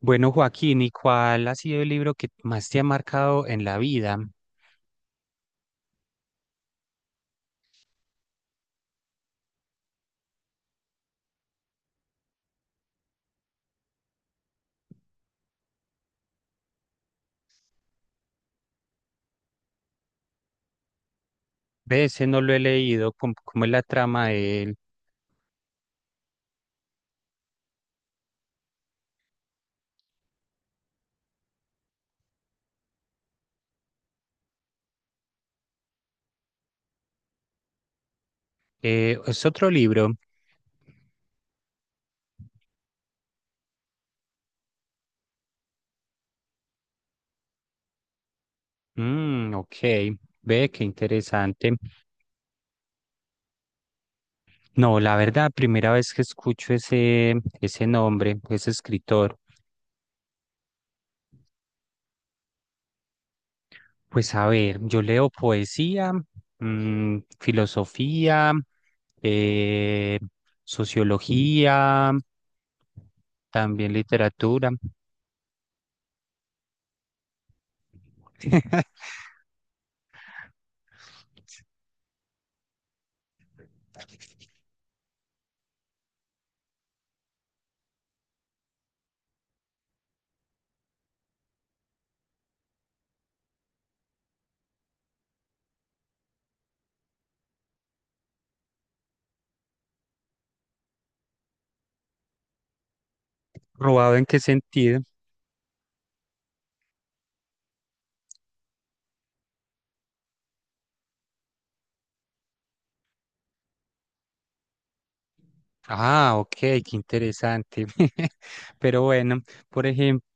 Bueno, Joaquín, ¿y cuál ha sido el libro que más te ha marcado en la vida? De ese no lo he leído, ¿cómo es la trama de él? ¿Es otro libro? Mm, ok, ve, qué interesante. No, la verdad, primera vez que escucho ese nombre, ese escritor. Pues a ver, yo leo poesía, mm, filosofía, eh, sociología, también literatura. ¿Robado en qué sentido? Ah, ok, qué interesante. Pero bueno, por ejemplo,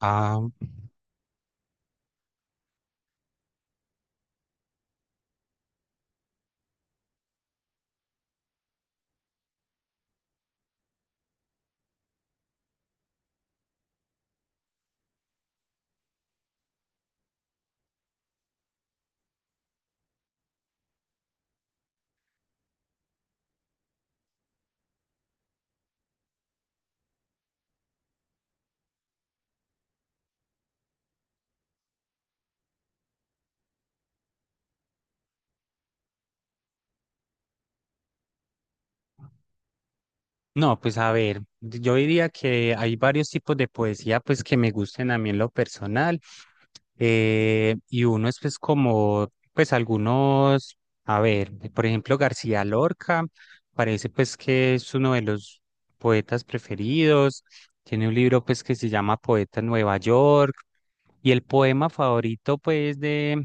ah, no, pues a ver, yo diría que hay varios tipos de poesía pues que me gusten a mí en lo personal. Y uno es pues como, pues algunos, a ver, por ejemplo García Lorca, parece pues que es uno de los poetas preferidos, tiene un libro pues que se llama Poeta en Nueva York, y el poema favorito pues de,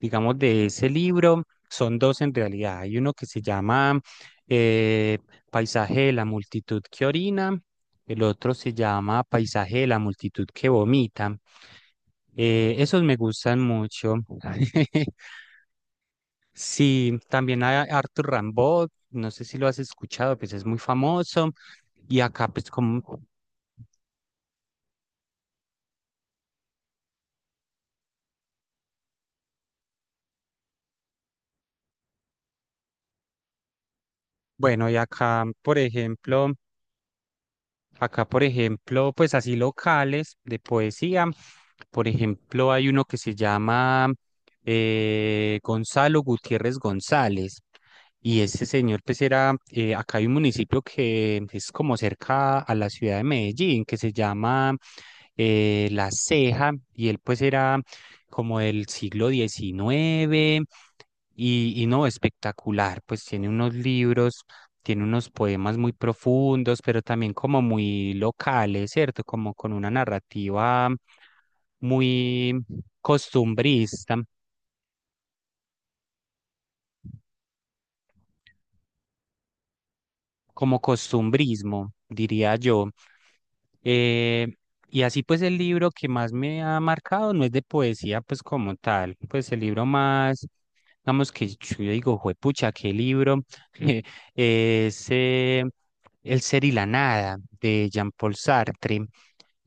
digamos, de ese libro son dos en realidad, hay uno que se llama eh, Paisaje de la multitud que orina, el otro se llama Paisaje de la multitud que vomita. Esos me gustan mucho. Sí, también hay Arthur Rimbaud, no sé si lo has escuchado, pues es muy famoso. Y acá, pues como, bueno, y acá, por ejemplo, acá, por ejemplo, pues así locales de poesía. Por ejemplo, hay uno que se llama Gonzalo Gutiérrez González. Y ese señor, pues era, acá hay un municipio que es como cerca a la ciudad de Medellín, que se llama La Ceja, y él pues era como del siglo XIX, y no, espectacular, pues tiene unos libros tiene unos poemas muy profundos, pero también como muy locales, ¿cierto? Como con una narrativa muy costumbrista, como costumbrismo, diría yo. Eh, y así pues el libro que más me ha marcado no es de poesía pues como tal, pues el libro más, digamos que yo digo, juepucha, qué libro ese El ser y la nada de Jean-Paul Sartre.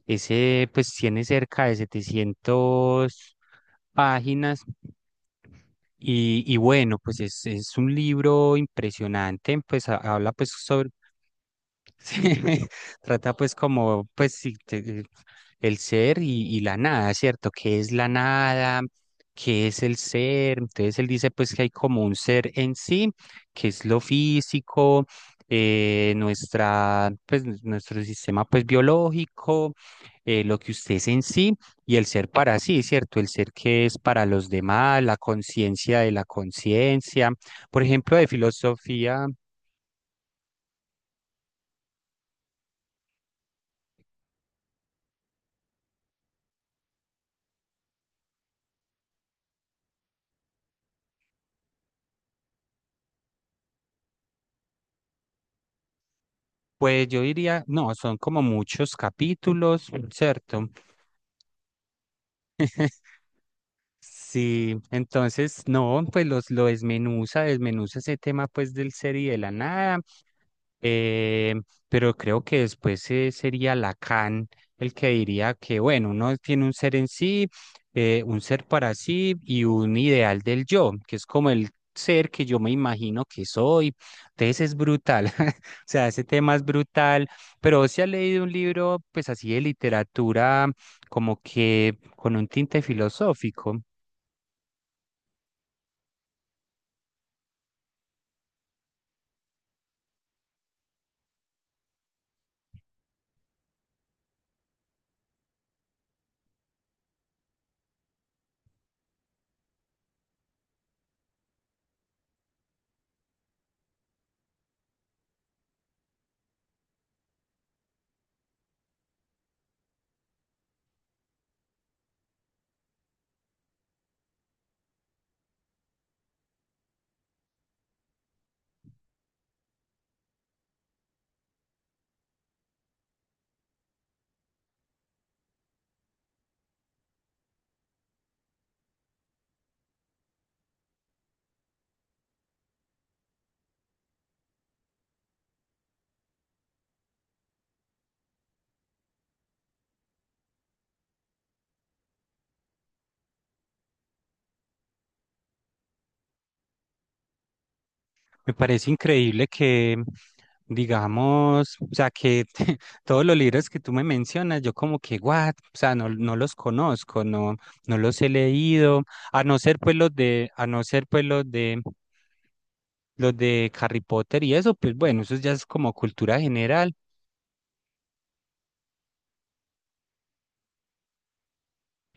Ese pues tiene cerca de 700 páginas y bueno, pues es un libro impresionante, pues habla pues sobre, sí, trata pues como, pues sí, el ser y la nada, ¿cierto? ¿Qué es la nada? ¿Qué es el ser? Entonces él dice pues que hay como un ser en sí, que es lo físico, nuestra, pues nuestro sistema pues biológico, lo que usted es en sí y el ser para sí, ¿cierto? El ser que es para los demás, la conciencia de la conciencia. Por ejemplo, de filosofía. Pues yo diría, no, son como muchos capítulos, ¿cierto? Sí, entonces, no, pues los, lo desmenuza ese tema pues del ser y de la nada. Eh, pero creo que después sería Lacan el que diría que, bueno, uno tiene un ser en sí, un ser para sí y un ideal del yo, que es como el ser que yo me imagino que soy. Entonces es brutal, o sea, ese tema es brutal, pero si ha leído un libro, pues así de literatura, como que con un tinte filosófico. Me parece increíble que, digamos, o sea, que todos los libros que tú me mencionas, yo como que, what, o sea, no, no los conozco, no, no los he leído, a no ser pues los de Harry Potter y eso, pues bueno, eso ya es como cultura general.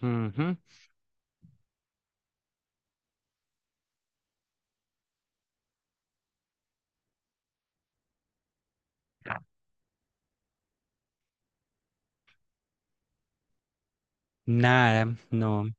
Ujú. Nada, no.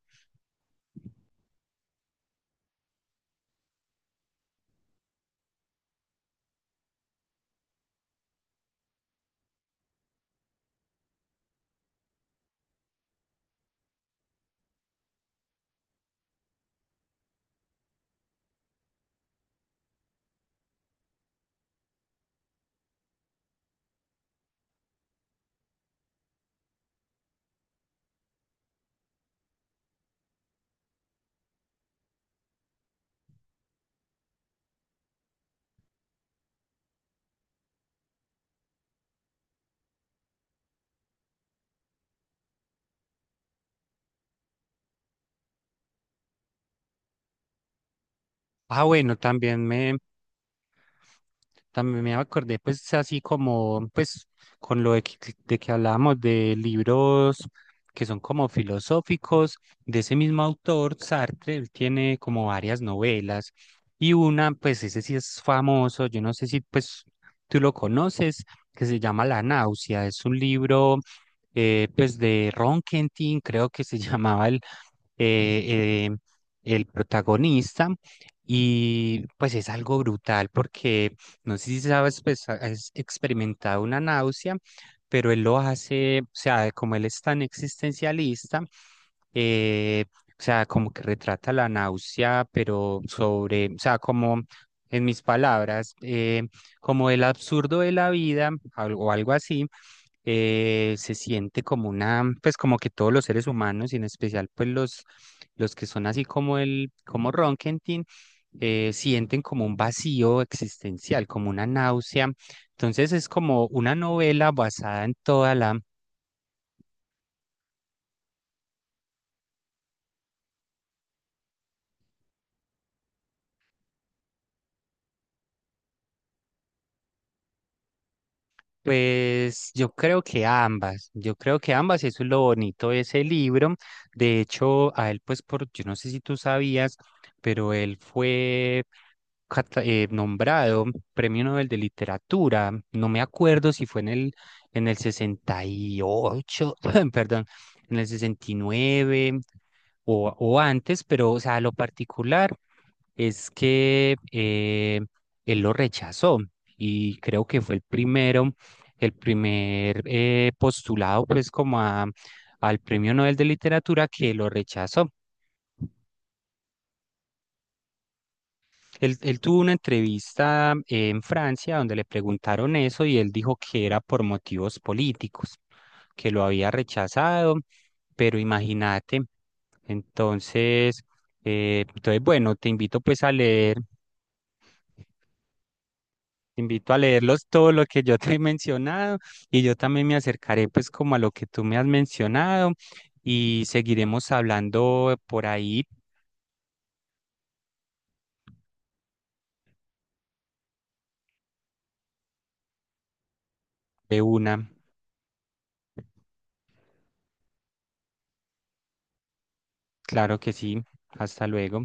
Ah, bueno, también me acordé, pues, así como, pues, con lo de que hablábamos de libros que son como filosóficos, de ese mismo autor, Sartre, él tiene como varias novelas, y una, pues, ese sí es famoso, yo no sé si, pues, tú lo conoces, que se llama La náusea, es un libro, pues, de Ron Kentin, creo que se llamaba eh, eh, el protagonista. Y pues es algo brutal porque no sé si sabes, pues has experimentado una náusea, pero él lo hace, o sea, como él es tan existencialista, eh, o sea, como que retrata la náusea, pero sobre, o sea, como en mis palabras, como el absurdo de la vida o algo así, se siente como una, pues como que todos los seres humanos, y en especial pues los que son así como el, como Ronkentin, sienten como un vacío existencial, como una náusea. Entonces es como una novela basada en toda la pues yo creo que ambas, yo creo que ambas, eso es lo bonito de ese libro. De hecho, a él, pues, por, yo no sé si tú sabías, pero él fue nombrado Premio Nobel de Literatura. No me acuerdo si fue en el 68, perdón, en el 69 o antes, pero, o sea, lo particular es que él lo rechazó y creo que fue el primer postulado pues como al Premio Nobel de Literatura que lo rechazó. Él tuvo una entrevista en Francia donde le preguntaron eso y él dijo que era por motivos políticos, que lo había rechazado, pero imagínate. Entonces, entonces, bueno, te invito a leerlos todo lo que yo te he mencionado y yo también me acercaré pues como a lo que tú me has mencionado y seguiremos hablando por ahí de una. Claro que sí. Hasta luego.